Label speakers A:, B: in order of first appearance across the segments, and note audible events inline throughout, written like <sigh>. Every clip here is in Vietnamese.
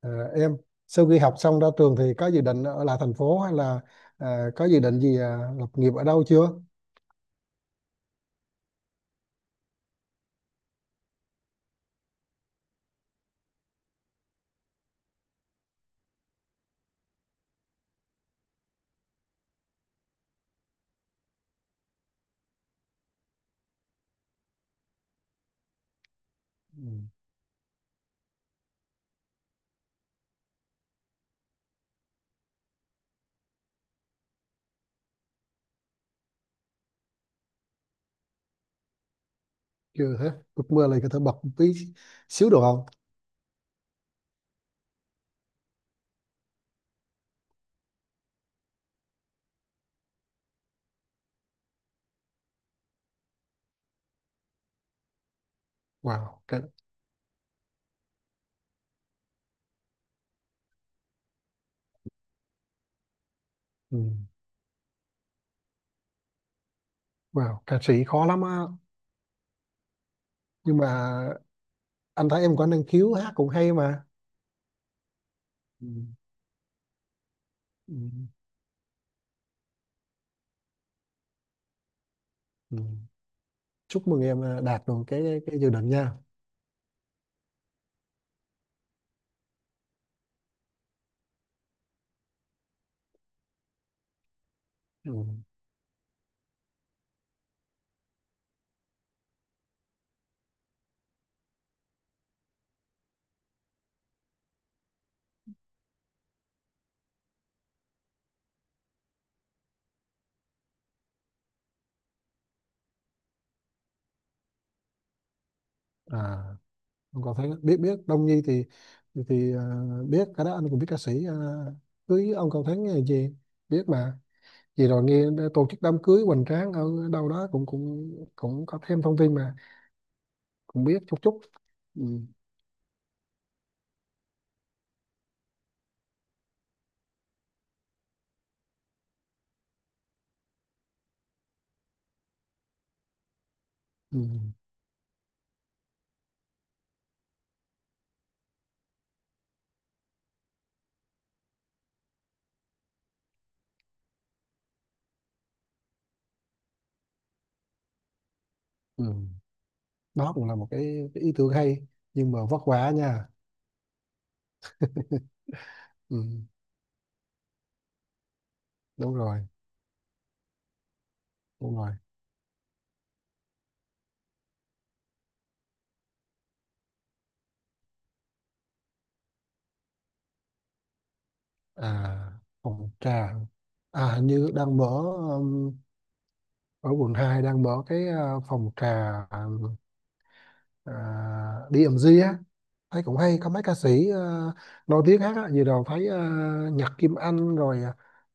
A: À, em sau khi học xong ra trường thì có dự định ở lại thành phố hay là có dự định gì lập nghiệp ở đâu chưa? Ừ, chưa hết. Ước mơ là có thể bật một tí xíu được không? Wow, ừ, wow, ca sĩ khó lắm á. Nhưng mà anh thấy em có năng khiếu hát cũng hay mà. Ừ, ừ, ừ. Chúc mừng em đạt được cái dự định nha. Ừ. À, không có thấy biết biết Đông Nhi thì thì, thì à, biết cái đó anh cũng biết ca sĩ cưới ông Cao Thắng hay gì biết mà. Vì rồi nghe tổ chức đám cưới hoành tráng ở đâu đó cũng cũng cũng có thêm thông tin mà cũng biết chút chút. Ừ. Ừ. Ừ. Đó cũng là một cái ý tưởng hay nhưng mà vất vả nha. <laughs> Ừ. Đúng rồi, đúng rồi. À, phòng trà. À, hình như đang mở um, ở quận 2 đang mở cái phòng trà, à, DMG á. Thấy cũng hay có mấy ca sĩ nổi tiếng hát á, vừa rồi thấy Nhật Kim Anh rồi,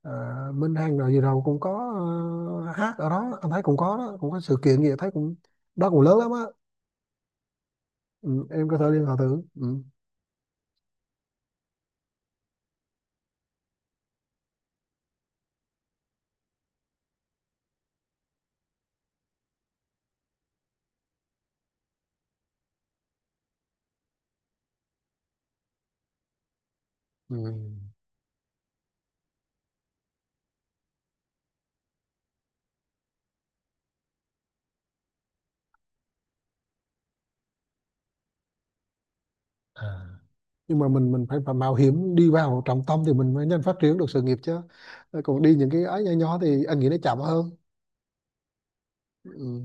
A: ờ, Minh Hằng rồi vừa rồi cũng có hát ở đó, anh thấy cũng có đó, cũng có sự kiện gì thấy cũng đó cũng lớn lắm á. Ừ, em có thể liên hệ thử, ừ. Ừ. À. Nhưng mà mình phải mạo hiểm đi vào trọng tâm thì mình mới nhanh phát triển được sự nghiệp chứ. Ờ, còn đi những cái ấy nhỏ nhỏ thì anh nghĩ nó chậm hơn, ừ.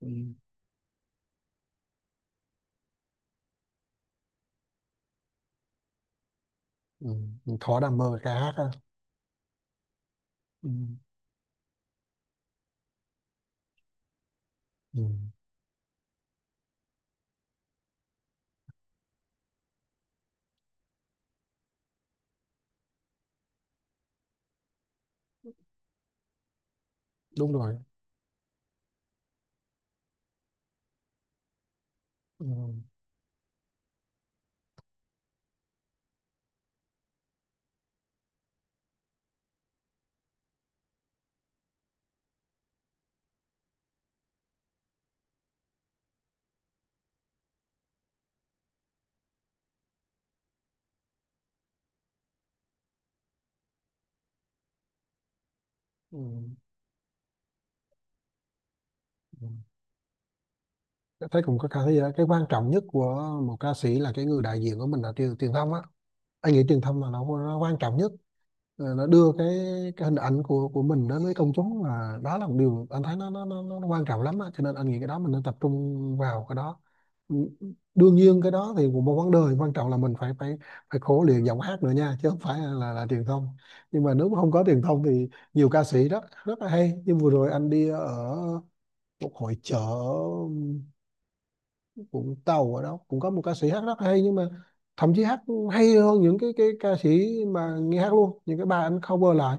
A: Ừ. Ừ. Mình thỏa đam mê ca hát ha. Ừ. Ừ. Đúng rồi, ừ. Ừ. Ừ. Tôi thấy cũng có khả thi đó. Cái quan trọng nhất của một ca sĩ là cái người đại diện của mình là truyền truyền thông á. Anh nghĩ truyền thông là nó quan trọng nhất. Ờ, nó đưa cái hình ảnh của mình đến với công chúng là đó là một điều anh thấy nó quan trọng lắm á. Cho nên anh nghĩ cái đó mình nên tập trung vào cái đó. Ừ, đương nhiên cái đó thì cũng một vấn đề quan trọng là mình phải phải phải khổ luyện giọng hát nữa nha chứ không phải là truyền thông. Nhưng mà nếu mà không có truyền thông thì nhiều ca sĩ rất rất là hay. Nhưng vừa rồi anh đi ở một hội chợ Vũng Tàu, ở đó cũng có một ca sĩ hát rất hay nhưng mà thậm chí hát hay hơn những cái ca sĩ mà nghe hát luôn, những cái bài anh cover lại,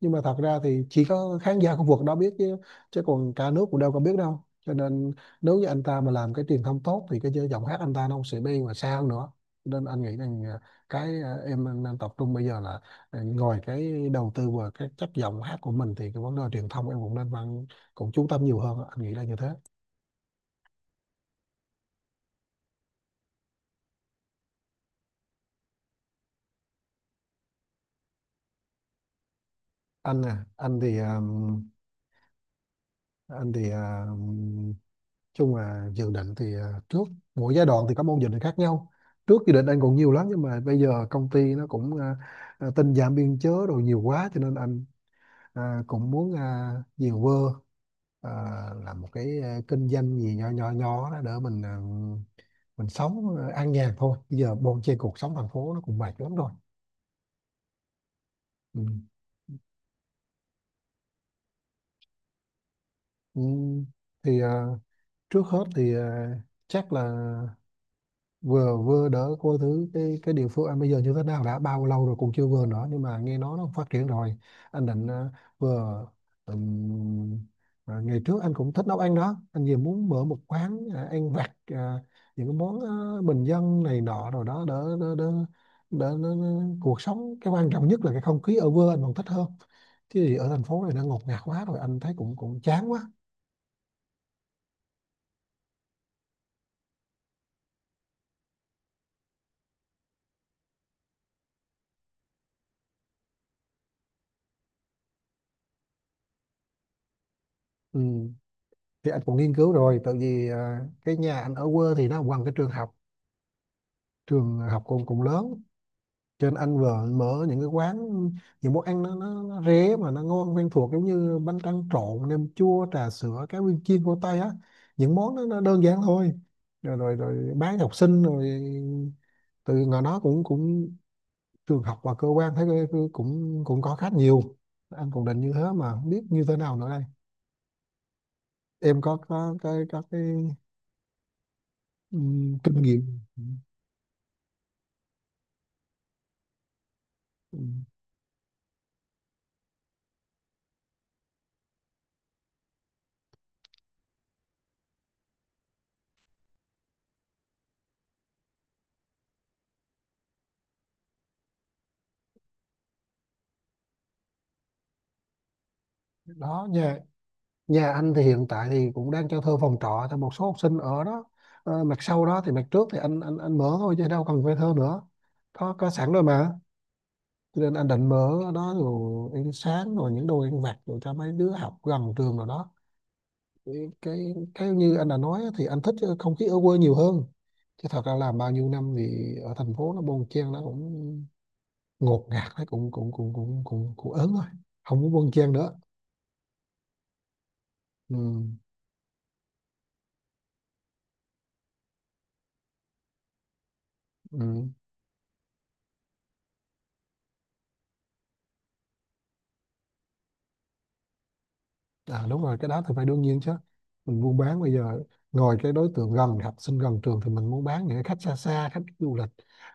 A: nhưng mà thật ra thì chỉ có khán giả khu vực đó biết chứ chứ còn cả nước cũng đâu có biết đâu, cho nên nếu như anh ta mà làm cái truyền thông tốt thì cái giọng hát anh ta nó không sẽ đi mà xa hơn nữa. Cho nên anh nghĩ rằng cái em nên tập trung bây giờ là ngoài cái đầu tư vào cái chất giọng hát của mình thì cái vấn đề truyền thông em cũng nên văn cũng chú tâm nhiều hơn, anh nghĩ là như thế. Anh à anh thì à, anh thì à, chung là dự định thì trước mỗi giai đoạn thì có môn dự định khác nhau. Trước dự định anh còn nhiều lắm nhưng mà bây giờ công ty nó cũng tinh giảm biên chế rồi nhiều quá cho nên anh cũng muốn nhiều vơ à, làm một cái kinh doanh gì nhỏ nhỏ nhỏ đó để mình mình sống an nhàn thôi, bây giờ bon chen cuộc sống thành phố nó cũng mệt lắm rồi. Ừ. Ừ. Thì trước hết thì chắc là vừa vừa đỡ coi thứ cái địa phương anh bây giờ như thế nào, đã bao lâu rồi cũng chưa vừa nữa nhưng mà nghe nói nó phát triển rồi. Anh định vừa, ừm, ngày trước anh cũng thích nấu ăn đó, anh vừa muốn mở một quán ăn vặt, những cái món bình dân này nọ rồi đó. Đỡ đỡ đỡ đỡ đỡ- đỡ- Cuộc sống cái quan trọng nhất là cái không khí ở quê anh còn thích hơn, chứ gì ở thành phố này nó ngột ngạt quá rồi, anh thấy cũng cũng chán quá. Ừ. Thì anh cũng nghiên cứu rồi tại vì cái nhà anh ở quê thì nó gần cái trường học. Trường học cũng cũng lớn cho nên anh vợ mở những cái quán, những món ăn nó rẻ mà nó ngon, quen thuộc giống như bánh tráng trộn, nem chua, trà sữa, cá viên chiên của Tây á. Những món đó nó đơn giản thôi, rồi rồi, rồi bán cho học sinh rồi, từ ngoài đó cũng cũng trường học và cơ quan thấy cái cũng cũng có khách nhiều. Anh cũng định như thế mà không biết như thế nào nữa đây. Em có có cái, kinh nghiệm, ừm, đó nha. Nhà anh thì hiện tại thì cũng đang cho thuê phòng trọ cho một số học sinh ở đó. Ờ, mặt sau đó thì mặt trước thì anh mở thôi chứ đâu cần thuê thơ nữa. Có sẵn rồi mà. Cho nên anh định mở ở đó rồi ăn sáng rồi những đồ ăn vặt rồi cho mấy đứa học gần trường rồi đó. Cái như anh đã nói á, thì anh thích cái không khí ở quê nhiều hơn. Chứ thật ra làm bao nhiêu năm thì ở thành phố nó bon chen, nó cũng ngột ngạt, nó cũng cũng cũng cũng cũng cũng ớn rồi. Không muốn bon chen nữa. Ừ. Ừ. À đúng rồi, cái đó thì phải đương nhiên chứ. Mình buôn bán bây giờ ngồi cái đối tượng gần học sinh gần trường thì mình muốn bán những cái khách xa xa, khách du lịch,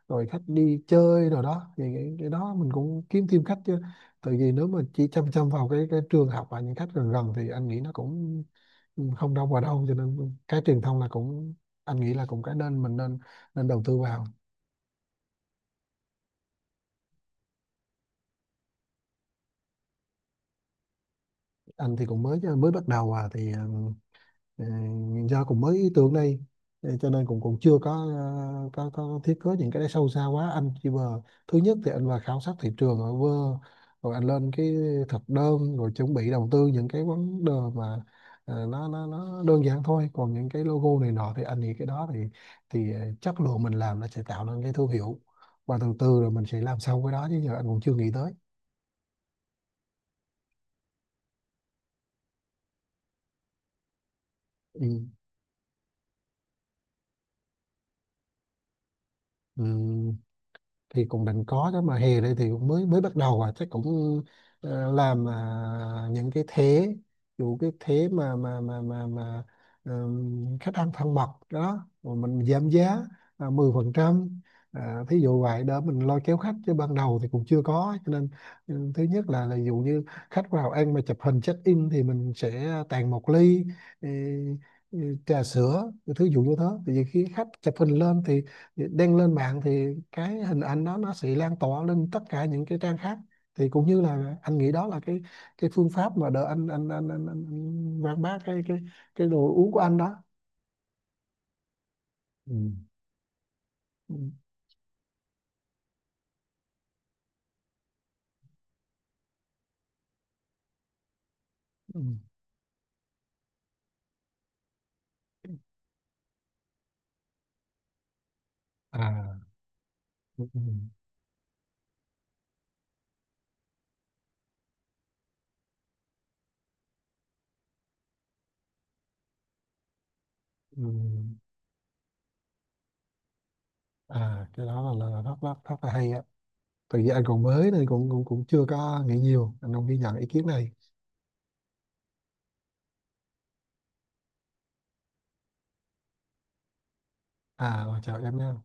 A: rồi khách đi chơi rồi đó. Thì cái đó mình cũng kiếm thêm khách chứ. Tại vì nếu mà chỉ chăm chăm vào cái trường học và những khách gần gần thì anh nghĩ nó cũng không đâu vào đâu, cho nên cái truyền thông là cũng anh nghĩ là cũng cái nên mình nên nên đầu tư vào. Anh thì cũng mới mới bắt đầu à thì Ờ, do cũng mới ý tưởng đây, cho nên cũng cũng chưa có có thiết kế những cái đấy sâu xa quá. Anh chỉ vừa thứ nhất thì anh vào khảo sát thị trường ở vơ rồi anh lên cái thực đơn rồi chuẩn bị đầu tư những cái vấn đề mà, nó đơn giản thôi. Còn những cái logo này nọ thì anh nghĩ cái đó thì chất lượng mình làm nó sẽ tạo nên cái thương hiệu và từ từ rồi mình sẽ làm sâu cái đó, chứ giờ anh cũng chưa nghĩ tới. Ừ. Ừ. Thì cũng định có đó mà hè đây thì cũng mới mới bắt đầu à, chắc cũng làm những cái thế dụ cái thế mà khách ăn thân mật đó rồi mình giảm giá 10%, thí dụ vậy đó, mình lo kéo khách chứ ban đầu thì cũng chưa có, cho nên ừ, thứ nhất là dụ như khách vào ăn mà chụp hình check in thì mình sẽ tặng một ly, ừ, trà sữa thứ dụ như thế. Thì khi khách chụp hình lên thì đăng lên mạng thì cái hình ảnh đó nó sẽ lan tỏa lên tất cả những cái trang khác. Thì cũng như là anh nghĩ đó là cái phương pháp mà đỡ anh quảng bá cái đồ uống của anh đó. Ừ. Ừ. Ừ. À. Ừ. Ừ. Ừ. À, cái đó là rất rất rất là hay á, tại vì anh còn mới nên cũng cũng cũng chưa có nghĩ nhiều, anh không ghi nhận ý kiến này. À, chào em nha.